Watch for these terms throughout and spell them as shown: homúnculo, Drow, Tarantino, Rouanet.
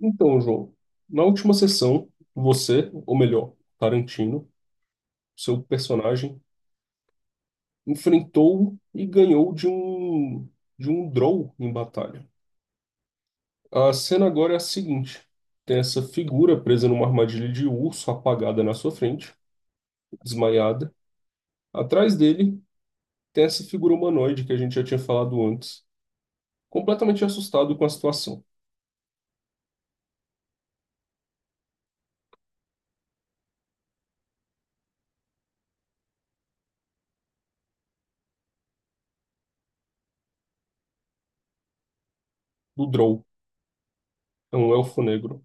Então, João, na última sessão, você, ou melhor, Tarantino, seu personagem, enfrentou e ganhou de um Drow em batalha. A cena agora é a seguinte: tem essa figura presa numa armadilha de urso, apagada na sua frente, desmaiada. Atrás dele tem essa figura humanoide que a gente já tinha falado antes, completamente assustado com a situação. Do Drow é um elfo negro.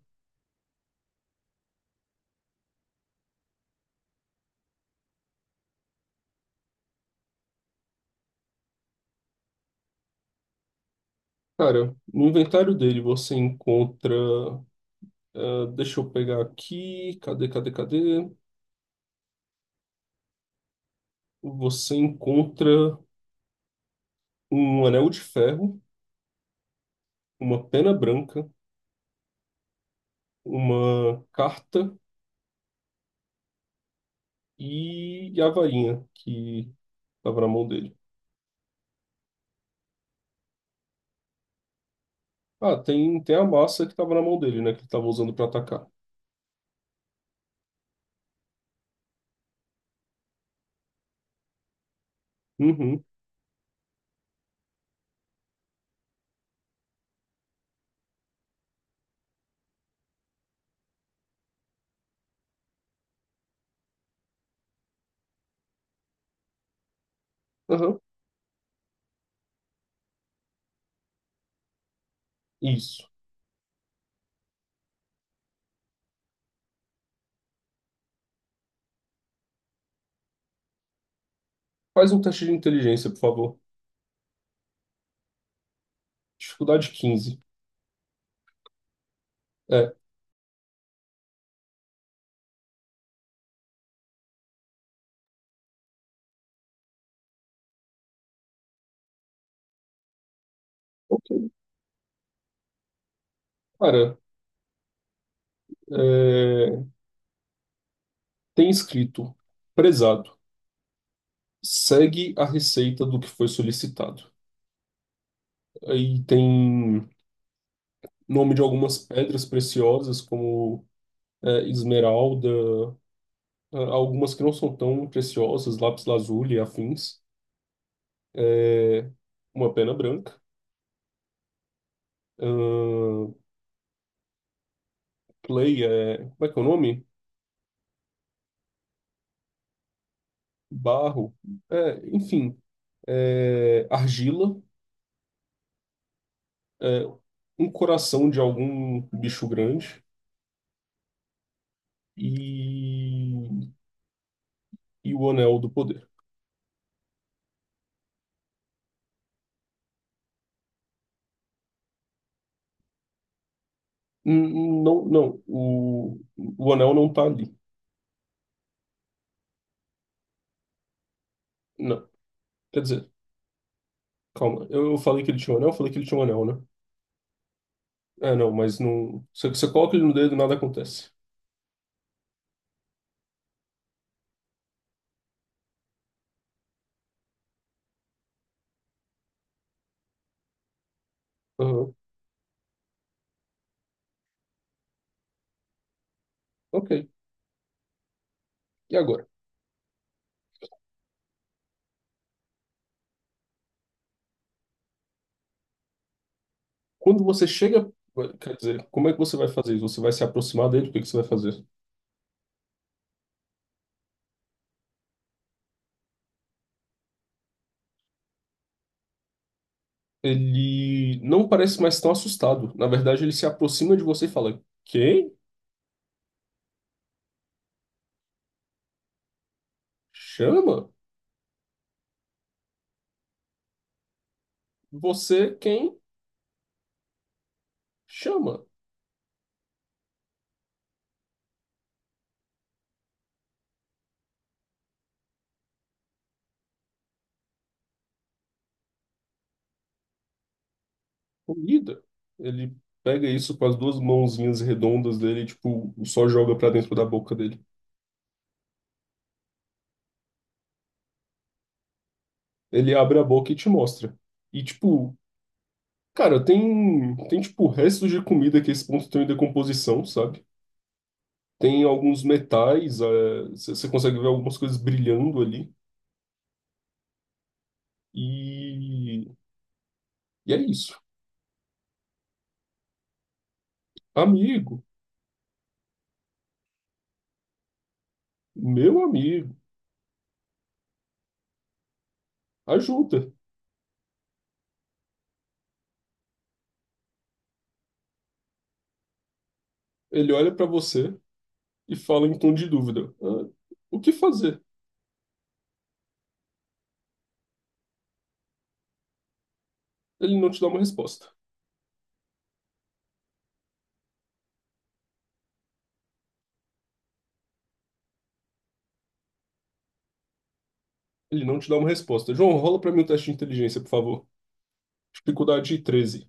Cara, no inventário dele você encontra. Ah, deixa eu pegar aqui. Cadê, cadê, cadê? Você encontra um anel de ferro, uma pena branca, uma carta e a varinha que estava na mão dele. Ah, tem a massa que estava na mão dele, né? Que ele estava usando para atacar. Uhum, aham, isso. Faz um teste de inteligência, por favor. Dificuldade 15. É, cara, é, tem escrito prezado. Segue a receita do que foi solicitado. Aí tem nome de algumas pedras preciosas, como é, esmeralda, é, algumas que não são tão preciosas, lápis-lazuli e afins, é, uma pena branca, ahn, clay, é, como é que é o nome? Barro, é, enfim, é, argila, é, um coração de algum bicho grande e, e o anel do poder. Não, não, o anel não tá ali. Não, quer dizer. Calma, eu falei que ele tinha um anel, eu falei que ele tinha um anel, né? É, não, mas não. Você coloca ele no dedo e nada acontece. Aham. Ok. E agora? Quando você chega. Quer dizer, como é que você vai fazer isso? Você vai se aproximar dele? O que que você vai fazer? Ele não parece mais tão assustado. Na verdade, ele se aproxima de você e fala: Quem? Chama? Você quem? Chama. Comida. Ele pega isso com as duas mãozinhas redondas dele, e, tipo, só joga pra dentro da boca dele. Ele abre a boca e te mostra. E, tipo, cara, tem tipo restos de comida que a esse ponto estão em decomposição, sabe? Tem alguns metais, você consegue ver algumas coisas brilhando ali. E, e é isso. Amigo, meu amigo, ajuda. Ele olha pra você e fala em tom de dúvida: "Ah, o que fazer?" Ele não te dá uma resposta. Ele não te dá uma resposta. João, rola pra mim o teste de inteligência, por favor. Dificuldade 13.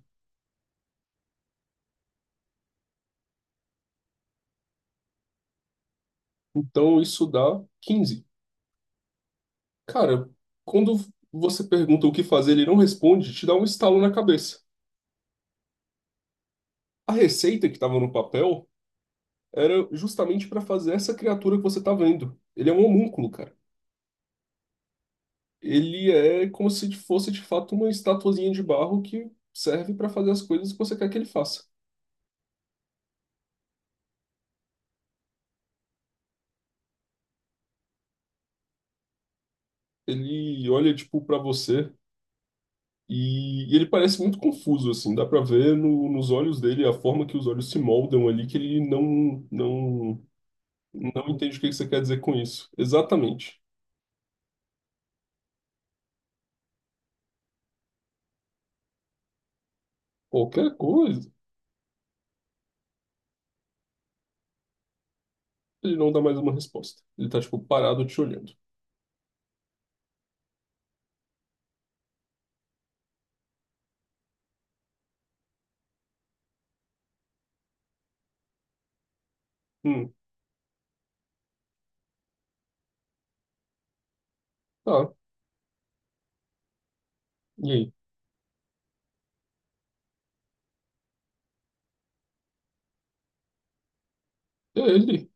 Então isso dá 15. Cara, quando você pergunta o que fazer, ele não responde, te dá um estalo na cabeça. A receita que estava no papel era justamente para fazer essa criatura que você tá vendo. Ele é um homúnculo, cara. Ele é como se fosse de fato uma estatuazinha de barro que serve para fazer as coisas que você quer que ele faça. Ele olha tipo para você e ele parece muito confuso assim, dá para ver nos olhos dele a forma que os olhos se moldam ali que ele não entende o que que você quer dizer com isso. Exatamente. Qualquer coisa, ele não dá mais uma resposta. Ele tá, tipo, parado te olhando. Hum, tá. E aí? E aí, ele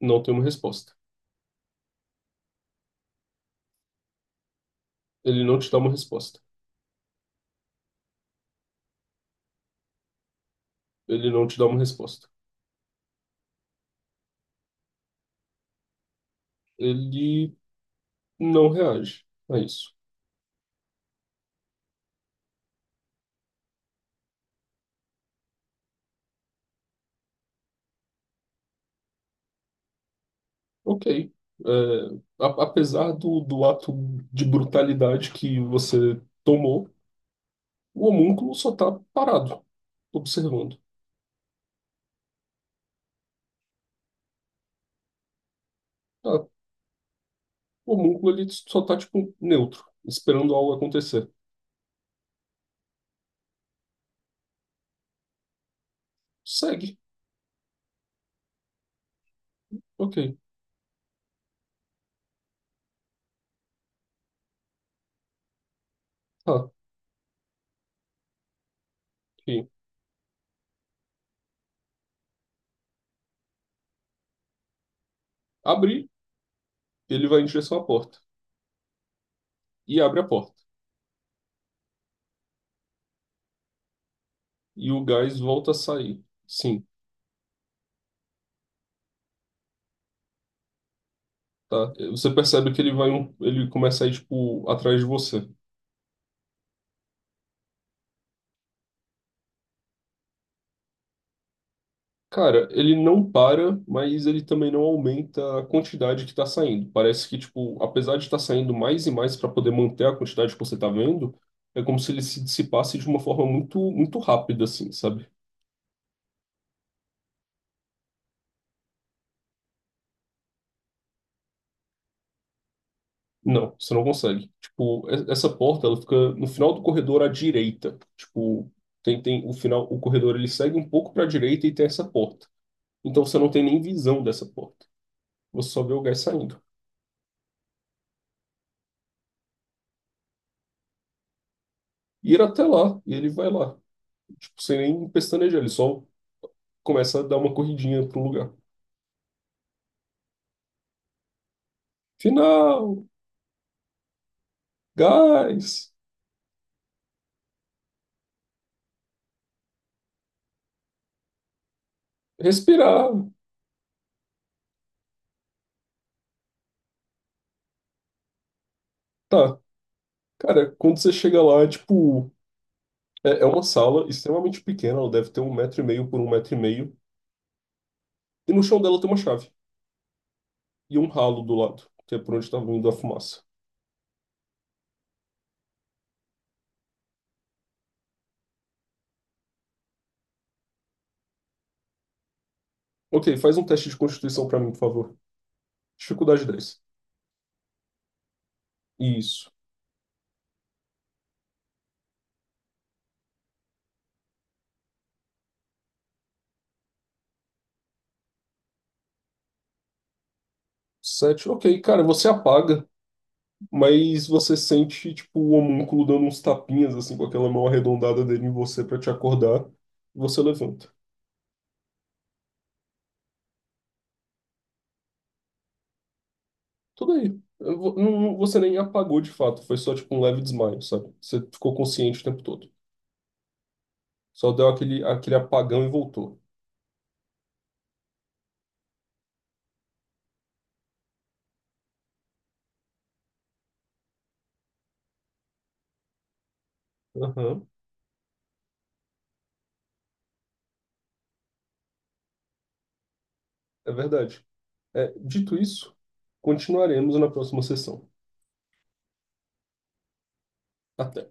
não tem uma resposta. Ele não te dá uma resposta. Ele não te dá uma resposta. Ele não reage a isso. Ok. É, apesar do ato de brutalidade que você tomou, o homúnculo só tá parado, observando. Tá. O homúnculo, ele só tá, tipo, neutro, esperando algo acontecer. Segue. Ok. Tá. Ok. Abrir. Ele vai em direção à porta e abre a porta. E o gás volta a sair. Sim, tá? Você percebe que ele vai, ele começa a ir, tipo, atrás de você. Cara, ele não para, mas ele também não aumenta a quantidade que tá saindo. Parece que, tipo, apesar de estar saindo mais e mais para poder manter a quantidade que você tá vendo, é como se ele se dissipasse de uma forma muito, muito rápida, assim, sabe? Não, você não consegue. Tipo, essa porta, ela fica no final do corredor à direita. Tipo, tem, o final, o corredor ele segue um pouco para a direita e tem essa porta. Então você não tem nem visão dessa porta. Você só vê o gás saindo. E ir até lá, e ele vai lá. Tipo, sem nem pestanejar, ele só começa a dar uma corridinha pro lugar. Final! Gás! Respirar! Tá. Cara, quando você chega lá, tipo, é uma sala extremamente pequena, ela deve ter um metro e meio por um metro e meio. E no chão dela tem uma chave e um ralo do lado, que é por onde estava vindo a fumaça. Ok, faz um teste de constituição para mim, por favor. Dificuldade 10. Isso. 7. Ok, cara, você apaga, mas você sente, tipo, o homúnculo dando uns tapinhas, assim, com aquela mão arredondada dele em você para te acordar. E você levanta. Tudo aí. Eu vo- não- não- Você nem apagou de fato, foi só, tipo, um leve desmaio, sabe? Você ficou consciente o tempo todo. Só deu aquele, apagão e voltou. Aham, é verdade. É, dito isso, continuaremos na próxima sessão. Até.